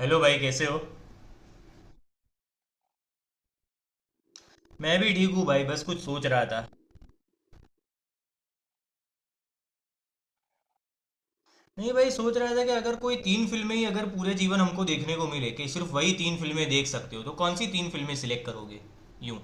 Hello भाई, कैसे हो। मैं भी ठीक हूँ भाई, बस कुछ सोच रहा था। नहीं भाई, सोच रहा था कि अगर कोई तीन फिल्में ही अगर पूरे जीवन हमको देखने को मिले कि सिर्फ वही तीन फिल्में देख सकते हो तो कौन सी तीन फिल्में सिलेक्ट करोगे। यूं।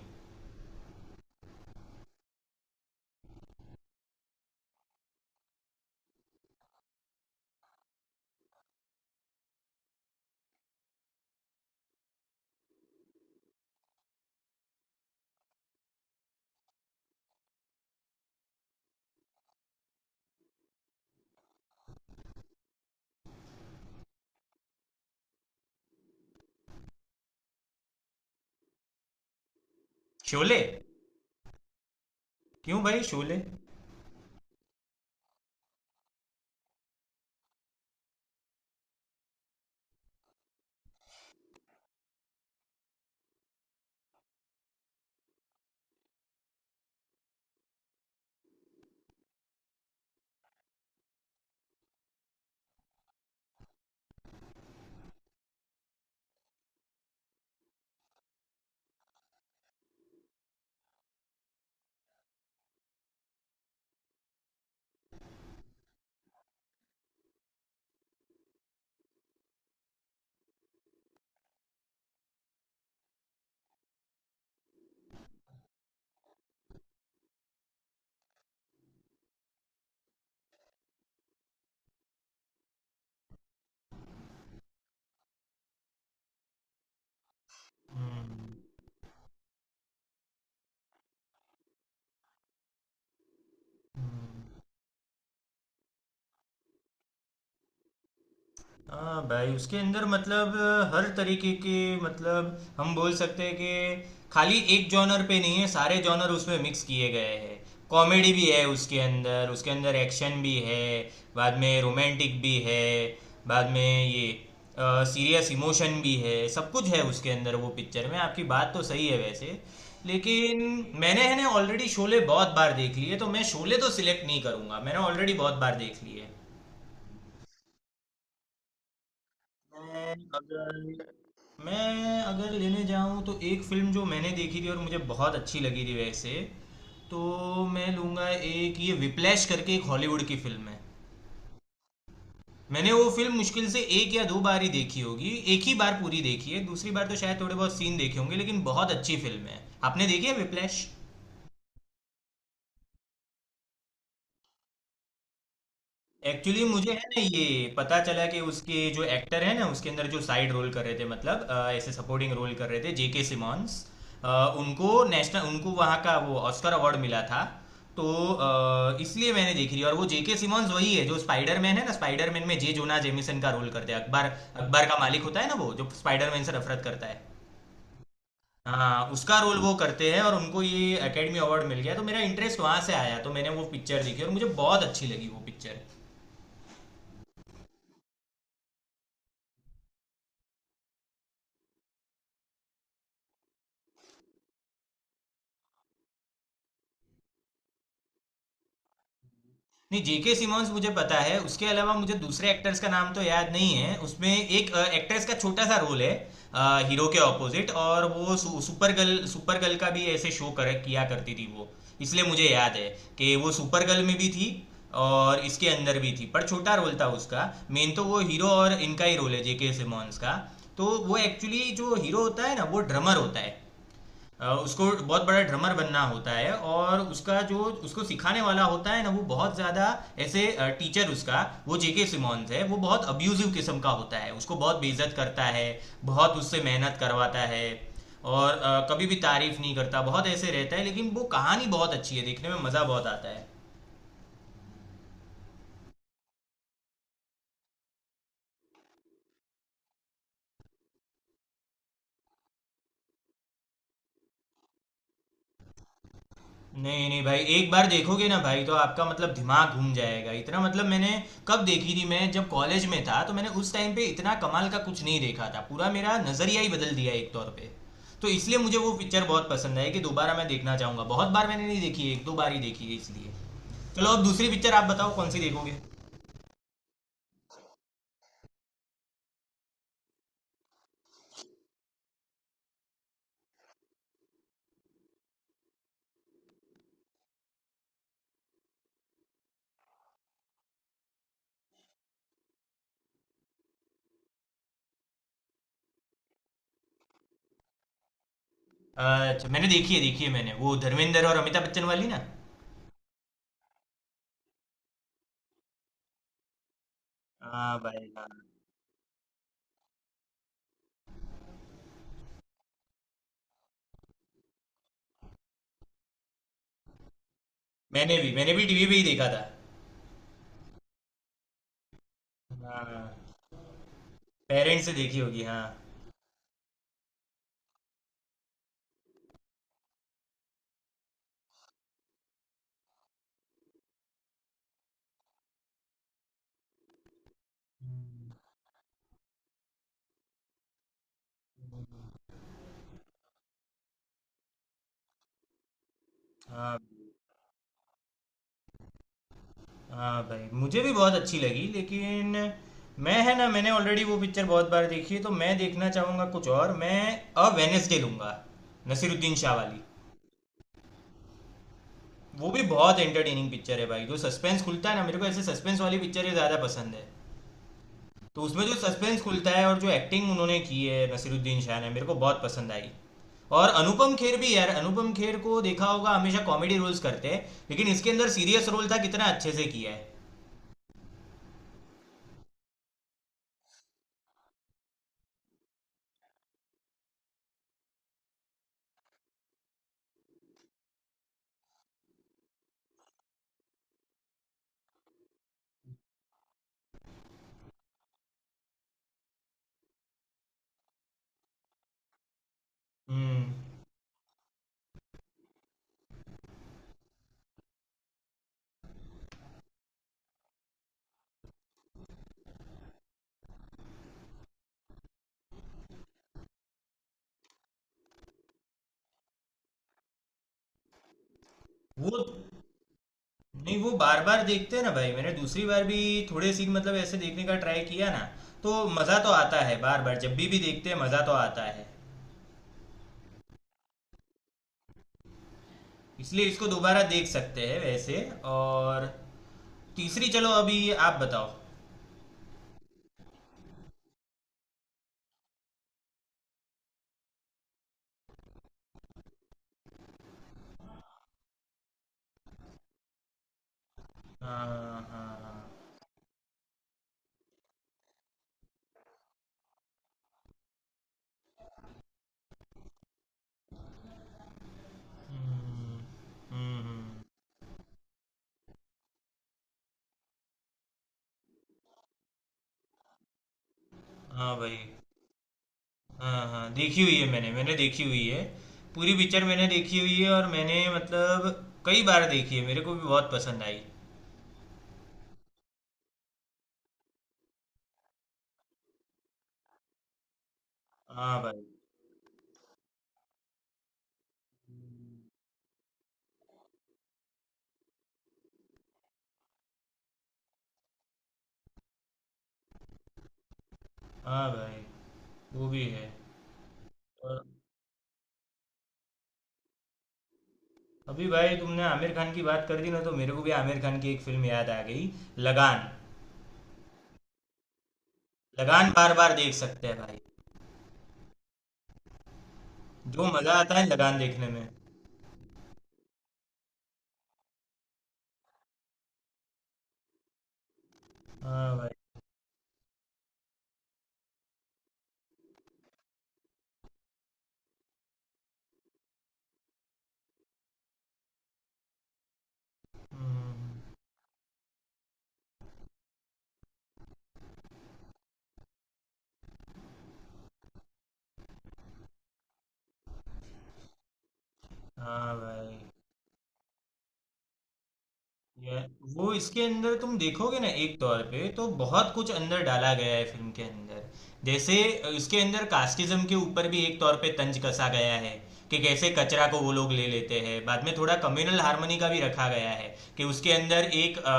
शोले। क्यों भाई शोले? हम्म। हाँ भाई, उसके अंदर मतलब हर तरीके के मतलब हम बोल सकते हैं कि खाली एक जॉनर पे नहीं है, सारे जॉनर उसमें मिक्स किए गए हैं। कॉमेडी भी है, उसके अंदर एक्शन भी है। बाद में रोमांटिक भी है। बाद में ये सीरियस इमोशन भी है, सब कुछ है उसके अंदर वो पिक्चर में। आपकी बात तो सही है वैसे, लेकिन मैंने है ना ऑलरेडी शोले बहुत बार देख ली है, तो मैं शोले तो सिलेक्ट नहीं करूंगा, मैंने ऑलरेडी बहुत बार देख ली है। मैं अगर मैं अगर लेने जाऊँ तो एक फिल्म जो मैंने देखी थी और मुझे बहुत अच्छी लगी थी वैसे, तो मैं लूँगा एक, ये विप्लैश करके एक हॉलीवुड की फिल्म है। मैंने वो फिल्म मुश्किल से एक या दो बार ही देखी होगी। एक ही बार पूरी देखी है, दूसरी बार तो शायद थोड़े बहुत सीन देखे होंगे, लेकिन बहुत अच्छी फिल्म है। आपने देखी है विप्लैश? एक्चुअली मुझे है ना ये पता चला कि उसके जो एक्टर है ना, उसके अंदर जो साइड रोल कर रहे थे मतलब ऐसे सपोर्टिंग रोल कर रहे थे, जेके सिमॉन्स। अ, उनको वहाँ का वो ऑस्कर अवार्ड मिला था तो इसलिए मैंने देखी थी, और वो जेके सिमॉन्स वही है जो स्पाइडरमैन है ना, स्पाइडरमैन में जे जोना जेमिसन का रोल करते हैं। अकबर, अकबर का मालिक होता है ना वो, जो स्पाइडरमैन से नफरत करता है। हाँ, उसका रोल वो करते हैं और उनको ये एकेडमी अवार्ड मिल गया, तो मेरा इंटरेस्ट वहां से आया, तो मैंने वो पिक्चर देखी और मुझे बहुत अच्छी लगी वो पिक्चर। नहीं, जेके सिमोन्स मुझे पता है, उसके अलावा मुझे दूसरे एक्टर्स का नाम तो याद नहीं है। उसमें एक एक्ट्रेस का छोटा सा रोल है, हीरो के ऑपोजिट, और वो सुपर गर्ल, सुपर गर्ल का भी ऐसे शो कर किया करती थी वो, इसलिए मुझे याद है कि वो सुपर गर्ल में भी थी और इसके अंदर भी थी, पर छोटा रोल था उसका। मेन तो वो हीरो और इनका ही रोल है, जेके सिमोन्स का। तो वो एक्चुअली जो हीरो होता है ना, वो ड्रमर होता है। उसको बहुत बड़ा ड्रमर बनना होता है, और उसका जो उसको सिखाने वाला होता है ना, वो बहुत ज्यादा ऐसे टीचर उसका, वो जेके सिमोन्स है, वो बहुत अब्यूजिव किस्म का होता है, उसको बहुत बेइज्जत करता है, बहुत उससे मेहनत करवाता है, और कभी भी तारीफ नहीं करता, बहुत ऐसे रहता है, लेकिन वो कहानी बहुत अच्छी है, देखने में मजा बहुत आता है। नहीं, नहीं भाई, एक बार देखोगे ना भाई तो आपका मतलब दिमाग घूम जाएगा। इतना मतलब, मैंने कब देखी थी, मैं जब कॉलेज में था तो मैंने उस टाइम पे इतना कमाल का कुछ नहीं देखा था। पूरा मेरा नज़रिया ही बदल दिया एक तौर पे। तो इसलिए मुझे वो पिक्चर बहुत पसंद आई, कि दोबारा मैं देखना चाहूँगा। बहुत बार मैंने नहीं देखी है, 1-2 बार ही देखी है इसलिए। चलो, अब दूसरी पिक्चर आप बताओ, कौन सी देखोगे? अच्छा, मैंने देखी है, देखी है मैंने। वो धर्मेंद्र और अमिताभ बच्चन वाली ना? हाँ भाई हाँ। मैंने भी टीवी पे ही देखा था। हाँ, पेरेंट्स से देखी होगी हाँ। हाँ। हाँ भाई, मुझे भी बहुत अच्छी लगी, लेकिन मैं है ना, मैंने ऑलरेडी वो पिक्चर बहुत बार देखी है, तो मैं देखना चाहूँगा कुछ और। मैं अ वेनेसडे लूँगा, नसीरुद्दीन शाह वाली। वो भी बहुत एंटरटेनिंग पिक्चर है भाई, जो सस्पेंस खुलता है ना, मेरे को ऐसे सस्पेंस वाली पिक्चरें ज़्यादा पसंद है। तो उसमें जो सस्पेंस खुलता है, और जो एक्टिंग उन्होंने की है नसीरुद्दीन शाह ने, मेरे को बहुत पसंद आई। और अनुपम खेर भी यार, अनुपम खेर को देखा होगा, हमेशा कॉमेडी रोल्स करते हैं, लेकिन इसके अंदर सीरियस रोल था, कितना अच्छे से किया है। हम्म वो, नहीं वो बार बार देखते हैं ना भाई, मैंने दूसरी बार भी थोड़े सीन मतलब ऐसे देखने का ट्राई किया ना, तो मज़ा तो आता है, बार बार जब भी देखते हैं मज़ा तो आता है, इसलिए इसको दोबारा देख सकते हैं वैसे। और तीसरी, चलो अभी आप बताओ। हाँ, हाँ, हाँ। हम्म, हम्म, हम्म। हाँ भाई, हाँ हाँ, देखी हुई है मैंने, मैंने देखी हुई है। पूरी पिक्चर मैंने देखी हुई है, और मैंने मतलब कई बार देखी है, मेरे को भी बहुत पसंद आई। हाँ भाई। हाँ भाई, वो भी है। अभी भाई, तुमने आमिर खान की बात कर दी ना, तो मेरे को भी आमिर खान की एक फिल्म याद आ गई। लगान। लगान बार बार देख सकते हैं भाई, जो मजा आता है लगान देखने में! हाँ भाई। हम्म। हाँ भाई, यार, वो इसके अंदर तुम देखोगे ना, एक तौर पे तो बहुत कुछ अंदर डाला गया है फिल्म के अंदर। जैसे इसके अंदर कास्टिज्म के ऊपर भी एक तौर पे तंज कसा गया है, कि कैसे कचरा को वो लोग ले लेते हैं। बाद में थोड़ा कम्युनल हार्मनी का भी रखा गया है, कि उसके अंदर एक अ,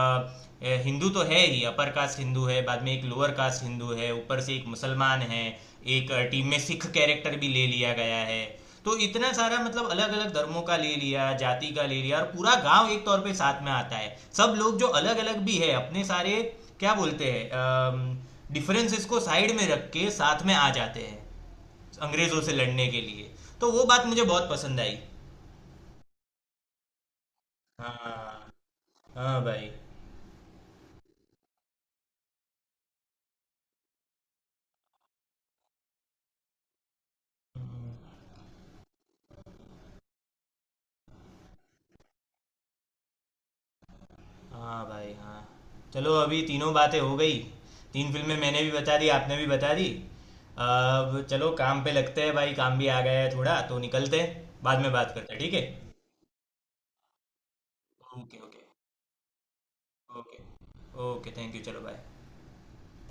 ए, हिंदू तो है ही, अपर कास्ट हिंदू है, बाद में एक लोअर कास्ट हिंदू है, ऊपर से एक मुसलमान है, एक टीम में सिख कैरेक्टर भी ले लिया गया है। तो इतना सारा मतलब अलग अलग धर्मों का ले लिया, जाति का ले लिया, और पूरा गांव एक तौर पे साथ में आता है, सब लोग जो अलग अलग भी है, अपने सारे क्या बोलते हैं, डिफरेंसेस को साइड में रख के साथ में आ जाते हैं, अंग्रेजों से लड़ने के लिए। तो वो बात मुझे बहुत पसंद आई। हाँ। हाँ भाई। हाँ भाई। हाँ। चलो, अभी तीनों बातें हो गई, तीन फिल्में मैंने भी बता दी, आपने भी बता दी। अब चलो काम पे लगते हैं भाई, काम भी आ गया है थोड़ा, तो निकलते हैं, बाद में बात करते हैं, ठीक है। Okay, okay, okay, okay, thank you, चलो बाय।